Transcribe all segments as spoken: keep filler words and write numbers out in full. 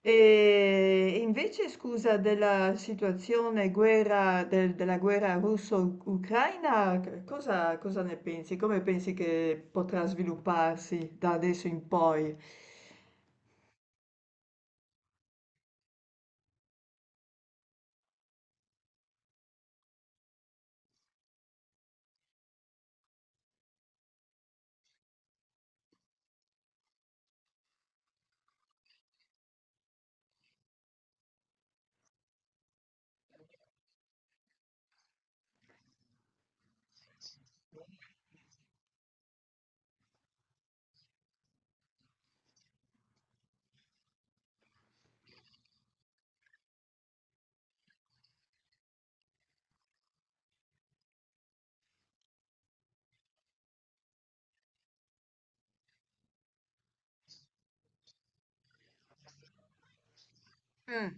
E invece, scusa, della situazione guerra, del- della guerra russo-ucraina, c- cosa, cosa ne pensi? Come pensi che potrà svilupparsi da adesso in poi? Mm.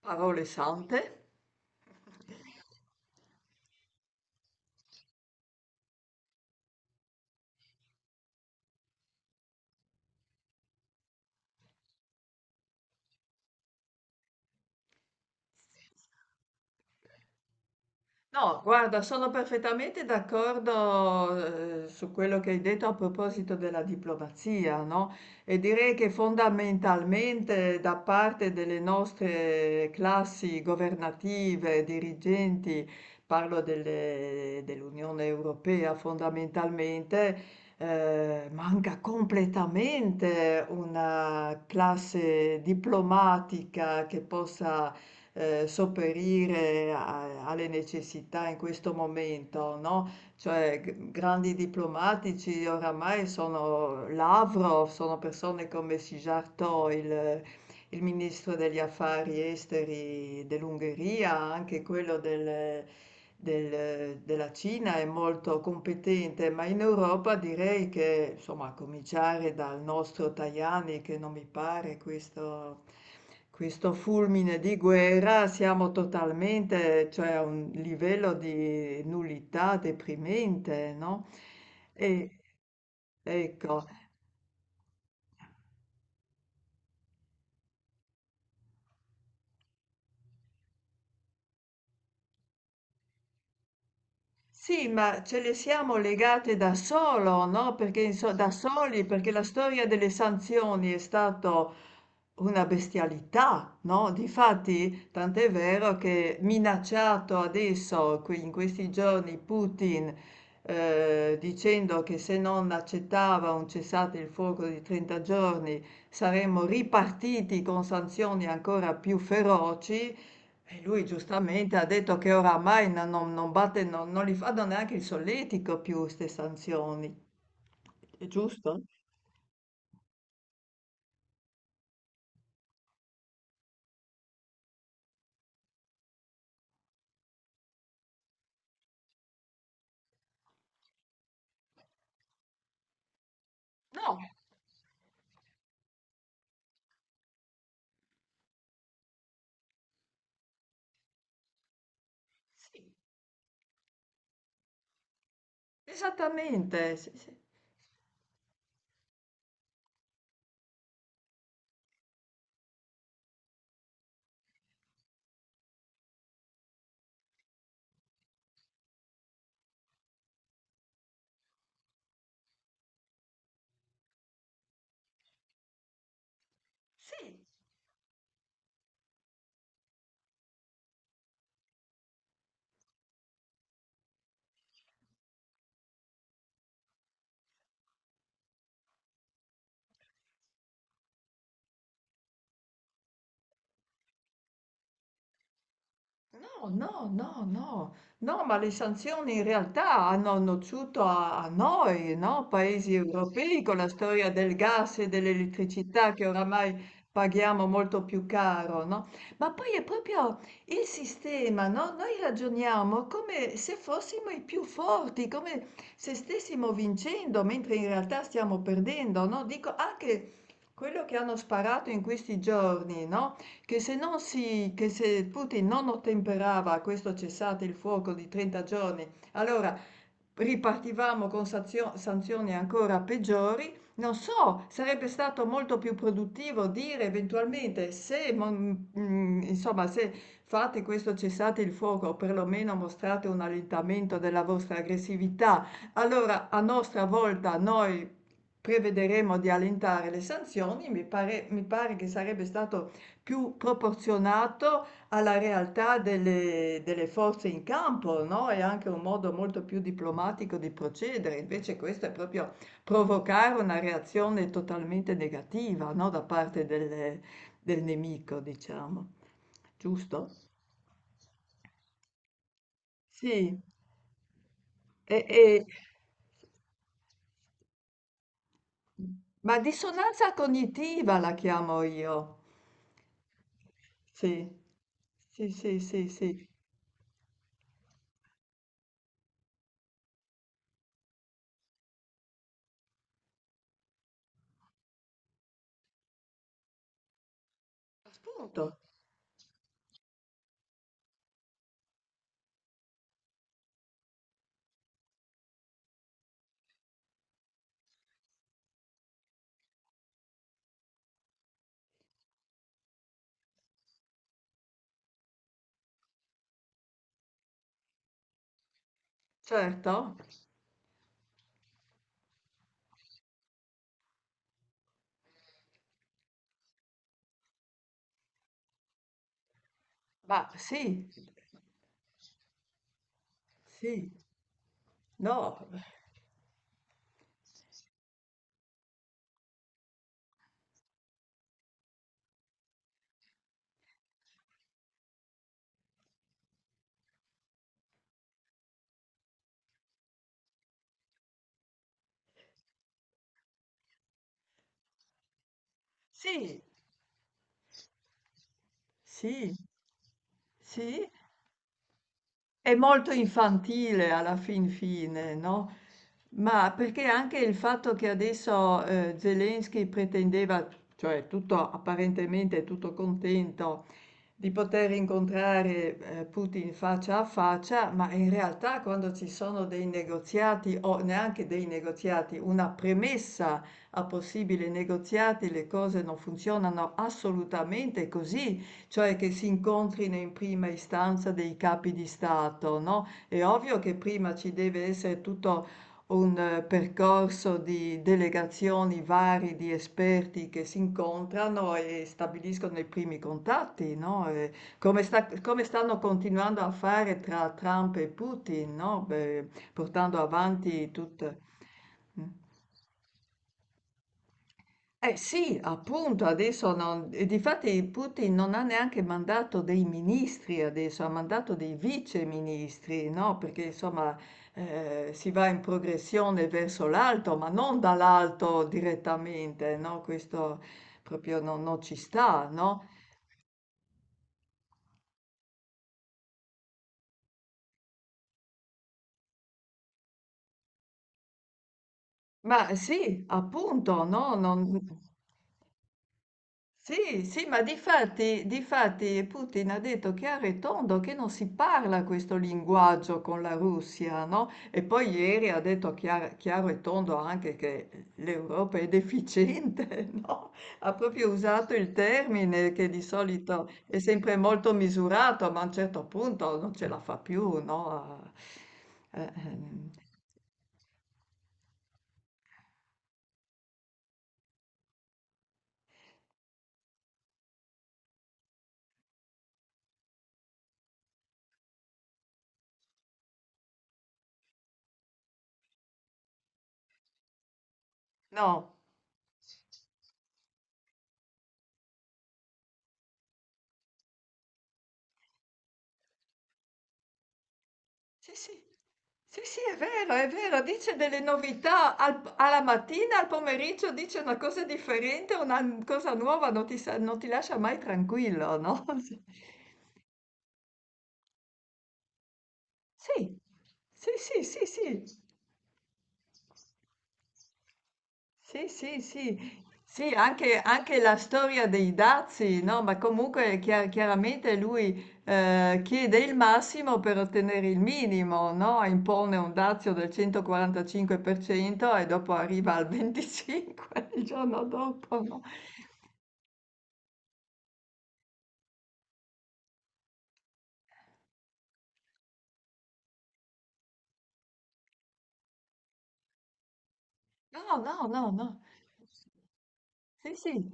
Parole sante? No, guarda, sono perfettamente d'accordo, eh, su quello che hai detto a proposito della diplomazia, no? E direi che fondamentalmente da parte delle nostre classi governative, dirigenti, parlo delle- dell'Unione Europea fondamentalmente, eh, manca completamente una classe diplomatica che possa eh, sopperire a- alle necessità in questo momento, no? Cioè, g- grandi diplomatici oramai sono Lavrov, sono persone come Sijarto, il il ministro degli affari esteri dell'Ungheria, anche quello del- del- della Cina è molto competente, ma in Europa direi che, insomma, a cominciare dal nostro Tajani, che non mi pare questo, questo fulmine di guerra, siamo totalmente, cioè a un livello di nullità deprimente, no? E, ecco. Sì, ma ce le siamo legate da solo, no? Perché inso- da soli, perché la storia delle sanzioni è stata una bestialità, no? Difatti, tant'è vero che minacciato adesso, que- in questi giorni, Putin, eh, dicendo che se non accettava un cessate il fuoco di trenta giorni saremmo ripartiti con sanzioni ancora più feroci, e lui giustamente ha detto che oramai no- non, non batte- non- non li fanno neanche il solletico più queste sanzioni, è giusto? No, sì, esattamente, sì, sì. Sì. No, no, no, no, no, ma le sanzioni in realtà hanno nociuto a, a noi, no? Paesi europei con la storia del gas e dell'elettricità che oramai paghiamo molto più caro, no? Ma poi è proprio il sistema, no? Noi ragioniamo come se fossimo i più forti, come se stessimo vincendo, mentre in realtà stiamo perdendo, no? Dico anche quello che hanno sparato in questi giorni, no? Che se, non si, che se Putin non ottemperava a questo cessate il fuoco di trenta giorni, allora ripartivamo con sazio- sanzioni ancora peggiori. Non so, sarebbe stato molto più produttivo dire eventualmente se, mon- mm, mm, insomma, se fate questo cessate il fuoco o perlomeno mostrate un allentamento della vostra aggressività, allora a nostra volta noi prevederemo di allentare le sanzioni. Mi pare, mi pare che sarebbe stato più proporzionato alla realtà delle, delle forze in campo, no? È anche un modo molto più diplomatico di procedere, invece questo è proprio provocare una reazione totalmente negativa, no? Da parte delle- del nemico, diciamo. Giusto? Sì. E- e- ma dissonanza cognitiva la chiamo io. Sì, sì, sì, sì, sì. Appunto, certo. Ma sì, sì, no, sì. Sì. Sì, è molto infantile alla fin fine, no? Ma perché anche il fatto che adesso eh, Zelensky pretendeva, cioè tutto apparentemente tutto contento, di poter incontrare, ehm, Putin faccia a faccia, ma in realtà quando ci sono dei negoziati o neanche dei negoziati, una premessa a possibili negoziati, le cose non funzionano assolutamente così, cioè che si incontrino in prima istanza dei capi di Stato, no, è ovvio che prima ci deve essere tutto un eh, percorso di delegazioni vari di esperti che si incontrano e stabiliscono i primi contatti, no? E come sta- come stanno continuando a fare tra Trump e Putin, no? Beh, portando avanti tutte. Eh sì, appunto, adesso non e difatti Putin non ha neanche mandato dei ministri adesso, ha mandato dei viceministri, no? Perché insomma eh, si va in progressione verso l'alto, ma non dall'alto direttamente, no? Questo proprio non, non ci sta, no? Ma sì, appunto, no? Non... Sì, sì, ma difatti, difatti Putin ha detto chiaro e tondo che non si parla questo linguaggio con la Russia, no? E poi ieri ha detto chiar- chiaro, e tondo anche che l'Europa è deficiente, no? Ha proprio usato il termine che di solito è sempre molto misurato, ma a un certo punto non ce la fa più, no? A- eh, ehm, no, sì, sì. Sì, sì, è vero, è vero, dice delle novità al p- alla mattina, al pomeriggio dice una cosa differente, una n- cosa nuova, non ti, sa- non ti lascia mai tranquillo, no? Sì, sì, sì, sì, sì. Sì, sì, sì. Sì, anche, anche la storia dei dazi, no? Ma comunque chia- chiaramente lui eh, chiede il massimo per ottenere il minimo, no? Impone un dazio del centoquarantacinque per cento e dopo arriva al venticinque per cento il giorno dopo, no? No, no, no, no. Sì, sì.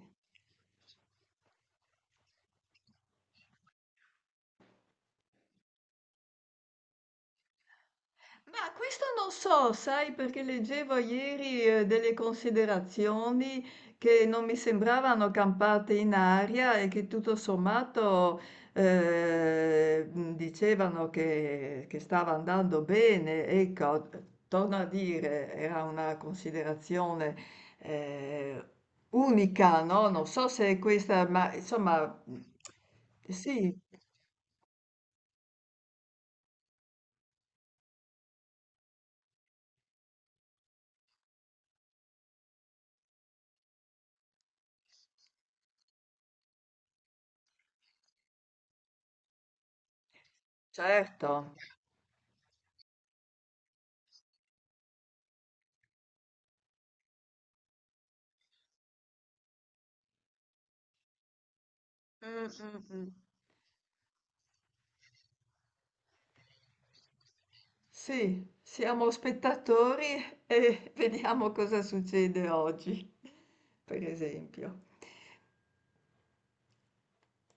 Ma questo non so, sai, perché leggevo ieri eh, delle considerazioni che non mi sembravano campate in aria e che tutto sommato eh, dicevano che, che stava andando bene. Ecco, torno a dire, era una considerazione eh, unica, no? Non so se è questa, ma insomma, sì, certo. Mm, mm, mm. Sì, siamo spettatori e vediamo cosa succede oggi, per esempio.